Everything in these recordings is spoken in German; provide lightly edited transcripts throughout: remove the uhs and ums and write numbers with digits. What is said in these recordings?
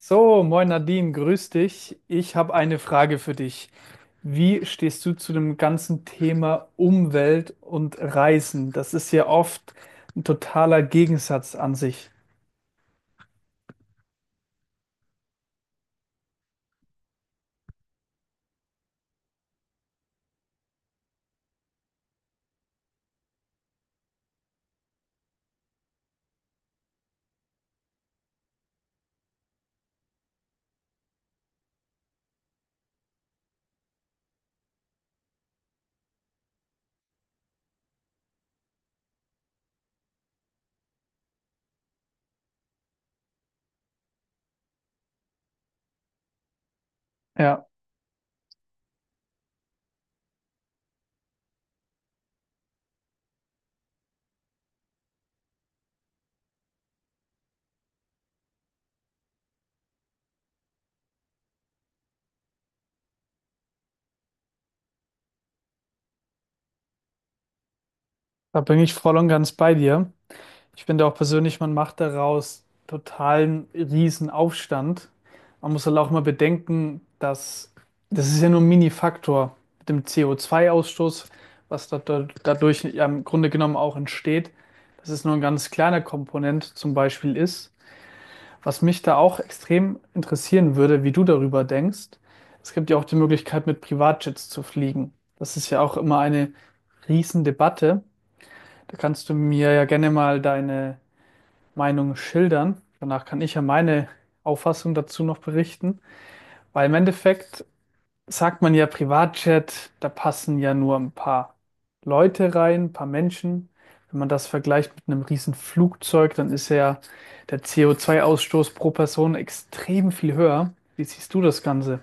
So, moin Nadine, grüß dich. Ich habe eine Frage für dich. Wie stehst du zu dem ganzen Thema Umwelt und Reisen? Das ist ja oft ein totaler Gegensatz an sich. Ja, da bin ich voll und ganz bei dir. Ich finde auch persönlich, man macht daraus totalen Riesenaufstand. Man muss halt auch mal bedenken, dass das ist ja nur ein Mini-Faktor mit dem CO2-Ausstoß was dadurch ja im Grunde genommen auch entsteht, dass es nur ein ganz kleiner Komponent zum Beispiel ist. Was mich da auch extrem interessieren würde, wie du darüber denkst: Es gibt ja auch die Möglichkeit, mit Privatjets zu fliegen. Das ist ja auch immer eine Riesendebatte. Da kannst du mir ja gerne mal deine Meinung schildern. Danach kann ich ja meine Auffassung dazu noch berichten. Weil im Endeffekt, sagt man ja Privatjet, da passen ja nur ein paar Leute rein, ein paar Menschen. Wenn man das vergleicht mit einem riesen Flugzeug, dann ist ja der CO2-Ausstoß pro Person extrem viel höher. Wie siehst du das Ganze?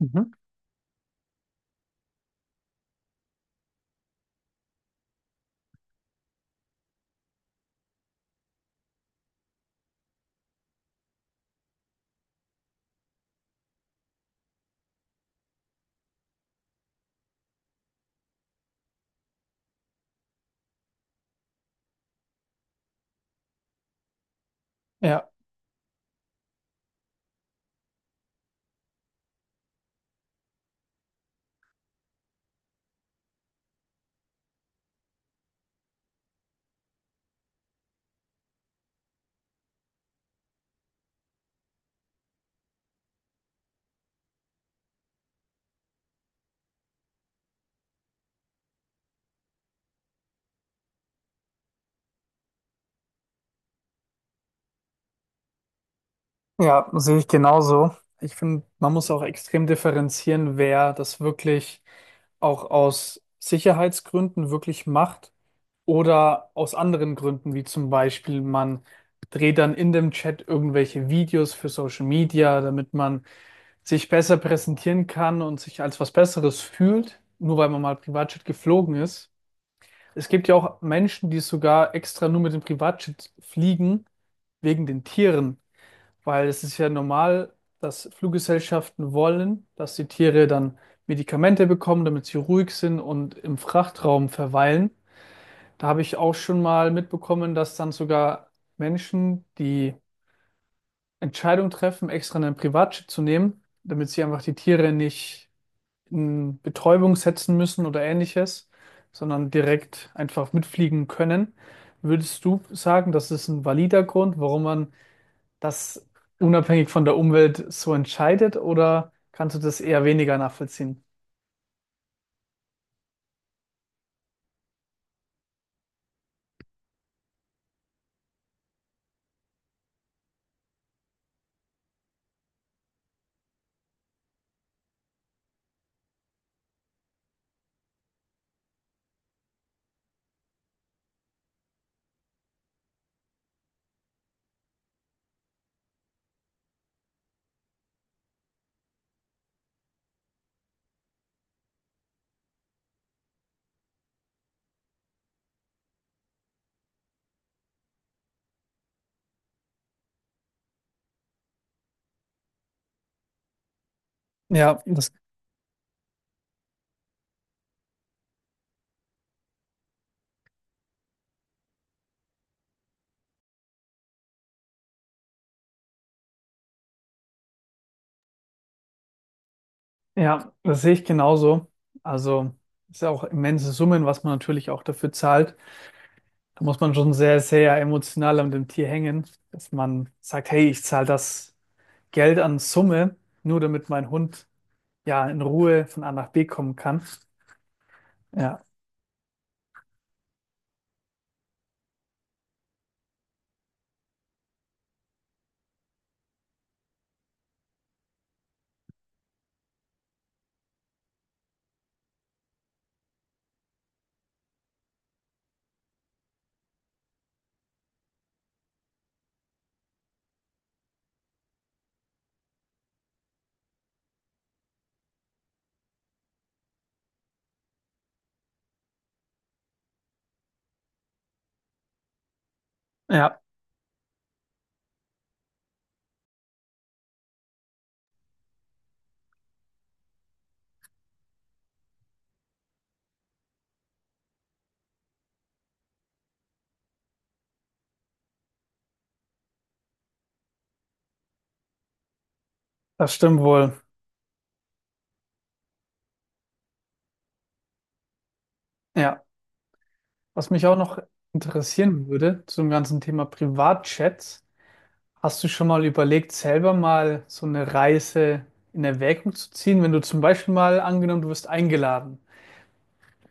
Mhm. Ja, ja, sehe ich genauso. Ich finde, man muss auch extrem differenzieren, wer das wirklich auch aus Sicherheitsgründen wirklich macht, oder aus anderen Gründen, wie zum Beispiel, man dreht dann in dem Chat irgendwelche Videos für Social Media, damit man sich besser präsentieren kann und sich als was Besseres fühlt, nur weil man mal Privatjet geflogen ist. Es gibt ja auch Menschen, die sogar extra nur mit dem Privatjet fliegen, wegen den Tieren, weil es ist ja normal, dass Fluggesellschaften wollen, dass die Tiere dann Medikamente bekommen, damit sie ruhig sind und im Frachtraum verweilen. Da habe ich auch schon mal mitbekommen, dass dann sogar Menschen die Entscheidung treffen, extra einen Privatjet zu nehmen, damit sie einfach die Tiere nicht in Betäubung setzen müssen oder ähnliches, sondern direkt einfach mitfliegen können. Würdest du sagen, das ist ein valider Grund, warum man das unabhängig von der Umwelt so entscheidet, oder kannst du das eher weniger nachvollziehen? Ja, das Ja, das sehe ich genauso. Also ist ja auch immense Summen, was man natürlich auch dafür zahlt. Da muss man schon sehr, sehr emotional an dem Tier hängen, dass man sagt: Hey, ich zahle das Geld an Summe, nur damit mein Hund ja in Ruhe von A nach B kommen kann. Ja, ja, das stimmt wohl. Ja, was mich auch noch interessieren würde zum ganzen Thema Privatchats. Hast du schon mal überlegt, selber mal so eine Reise in Erwägung zu ziehen? Wenn du zum Beispiel, mal angenommen, du wirst eingeladen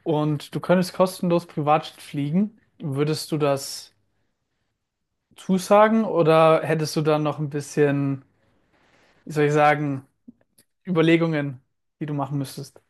und du könntest kostenlos Privatjet fliegen, würdest du das zusagen oder hättest du dann noch ein bisschen, wie soll ich sagen, Überlegungen, die du machen müsstest?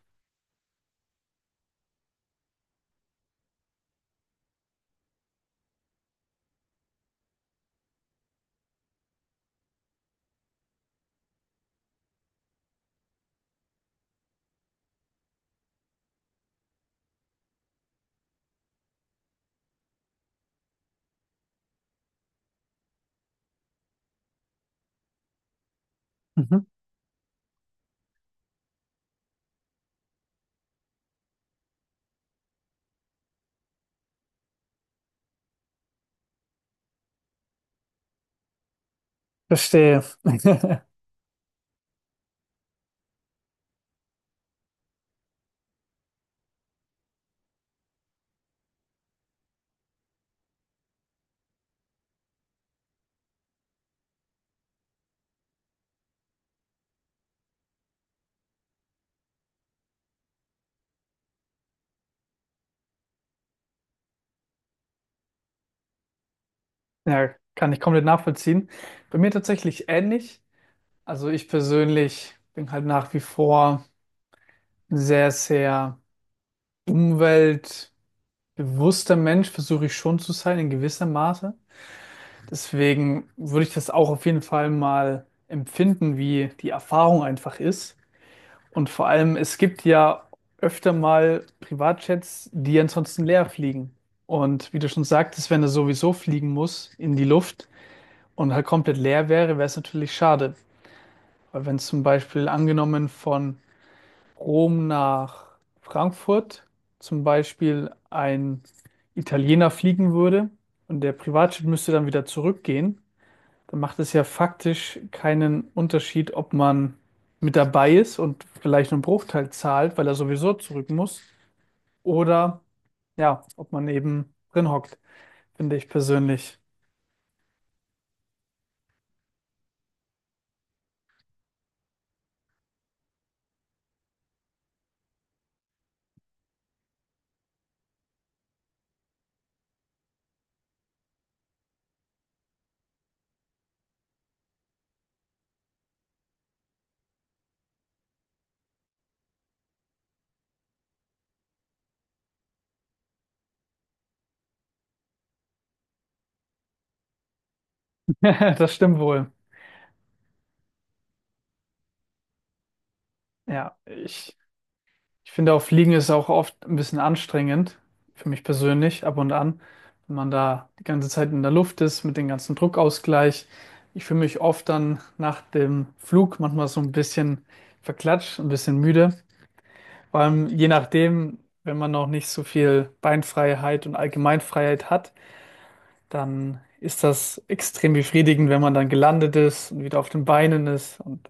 Mhm. Verstehe. Ja, kann ich komplett nachvollziehen. Bei mir tatsächlich ähnlich. Also ich persönlich bin halt nach wie vor sehr, sehr Umwelt Bewusster Mensch, versuche ich schon zu sein, in gewissem Maße. Deswegen würde ich das auch auf jeden Fall mal empfinden, wie die Erfahrung einfach ist. Und vor allem, es gibt ja öfter mal Privatjets, die ansonsten leer fliegen. Und wie du schon sagtest, wenn er sowieso fliegen muss in die Luft und halt komplett leer wäre, wäre es natürlich schade. Weil wenn es zum Beispiel, angenommen, von Rom nach Frankfurt zum Beispiel ein Italiener fliegen würde und der Privatjet müsste dann wieder zurückgehen, dann macht es ja faktisch keinen Unterschied, ob man mit dabei ist und vielleicht einen Bruchteil zahlt, weil er sowieso zurück muss, oder ja, ob man eben drin hockt, finde ich persönlich. Das stimmt wohl. Ja, ich Ich finde auch, Fliegen ist auch oft ein bisschen anstrengend, für mich persönlich, ab und an, wenn man da die ganze Zeit in der Luft ist, mit dem ganzen Druckausgleich. Ich fühle mich oft dann nach dem Flug manchmal so ein bisschen verklatscht, ein bisschen müde. Vor allem je nachdem, wenn man noch nicht so viel Beinfreiheit und Allgemeinfreiheit hat, dann ist das extrem befriedigend, wenn man dann gelandet ist und wieder auf den Beinen ist und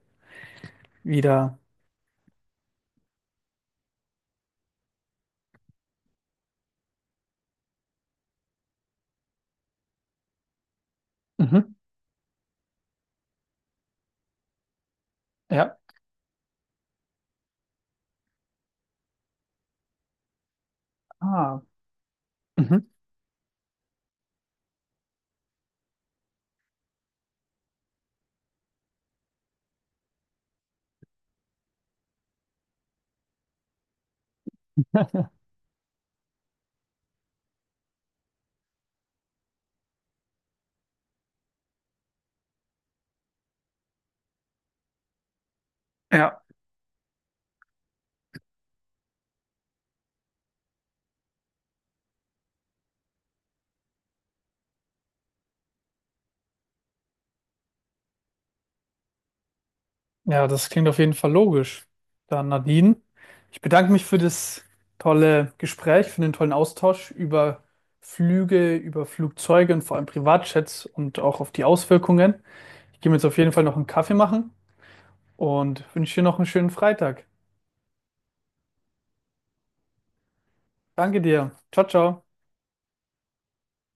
wieder. Mhm. Ja. Ah. Mhm. Ja. Ja, das klingt auf jeden Fall logisch. Dann, Nadine, ich bedanke mich für das tolle Gespräch, für den tollen Austausch über Flüge, über Flugzeuge und vor allem Privatjets und auch auf die Auswirkungen. Ich gehe mir jetzt auf jeden Fall noch einen Kaffee machen und wünsche dir noch einen schönen Freitag. Danke dir. Ciao, ciao.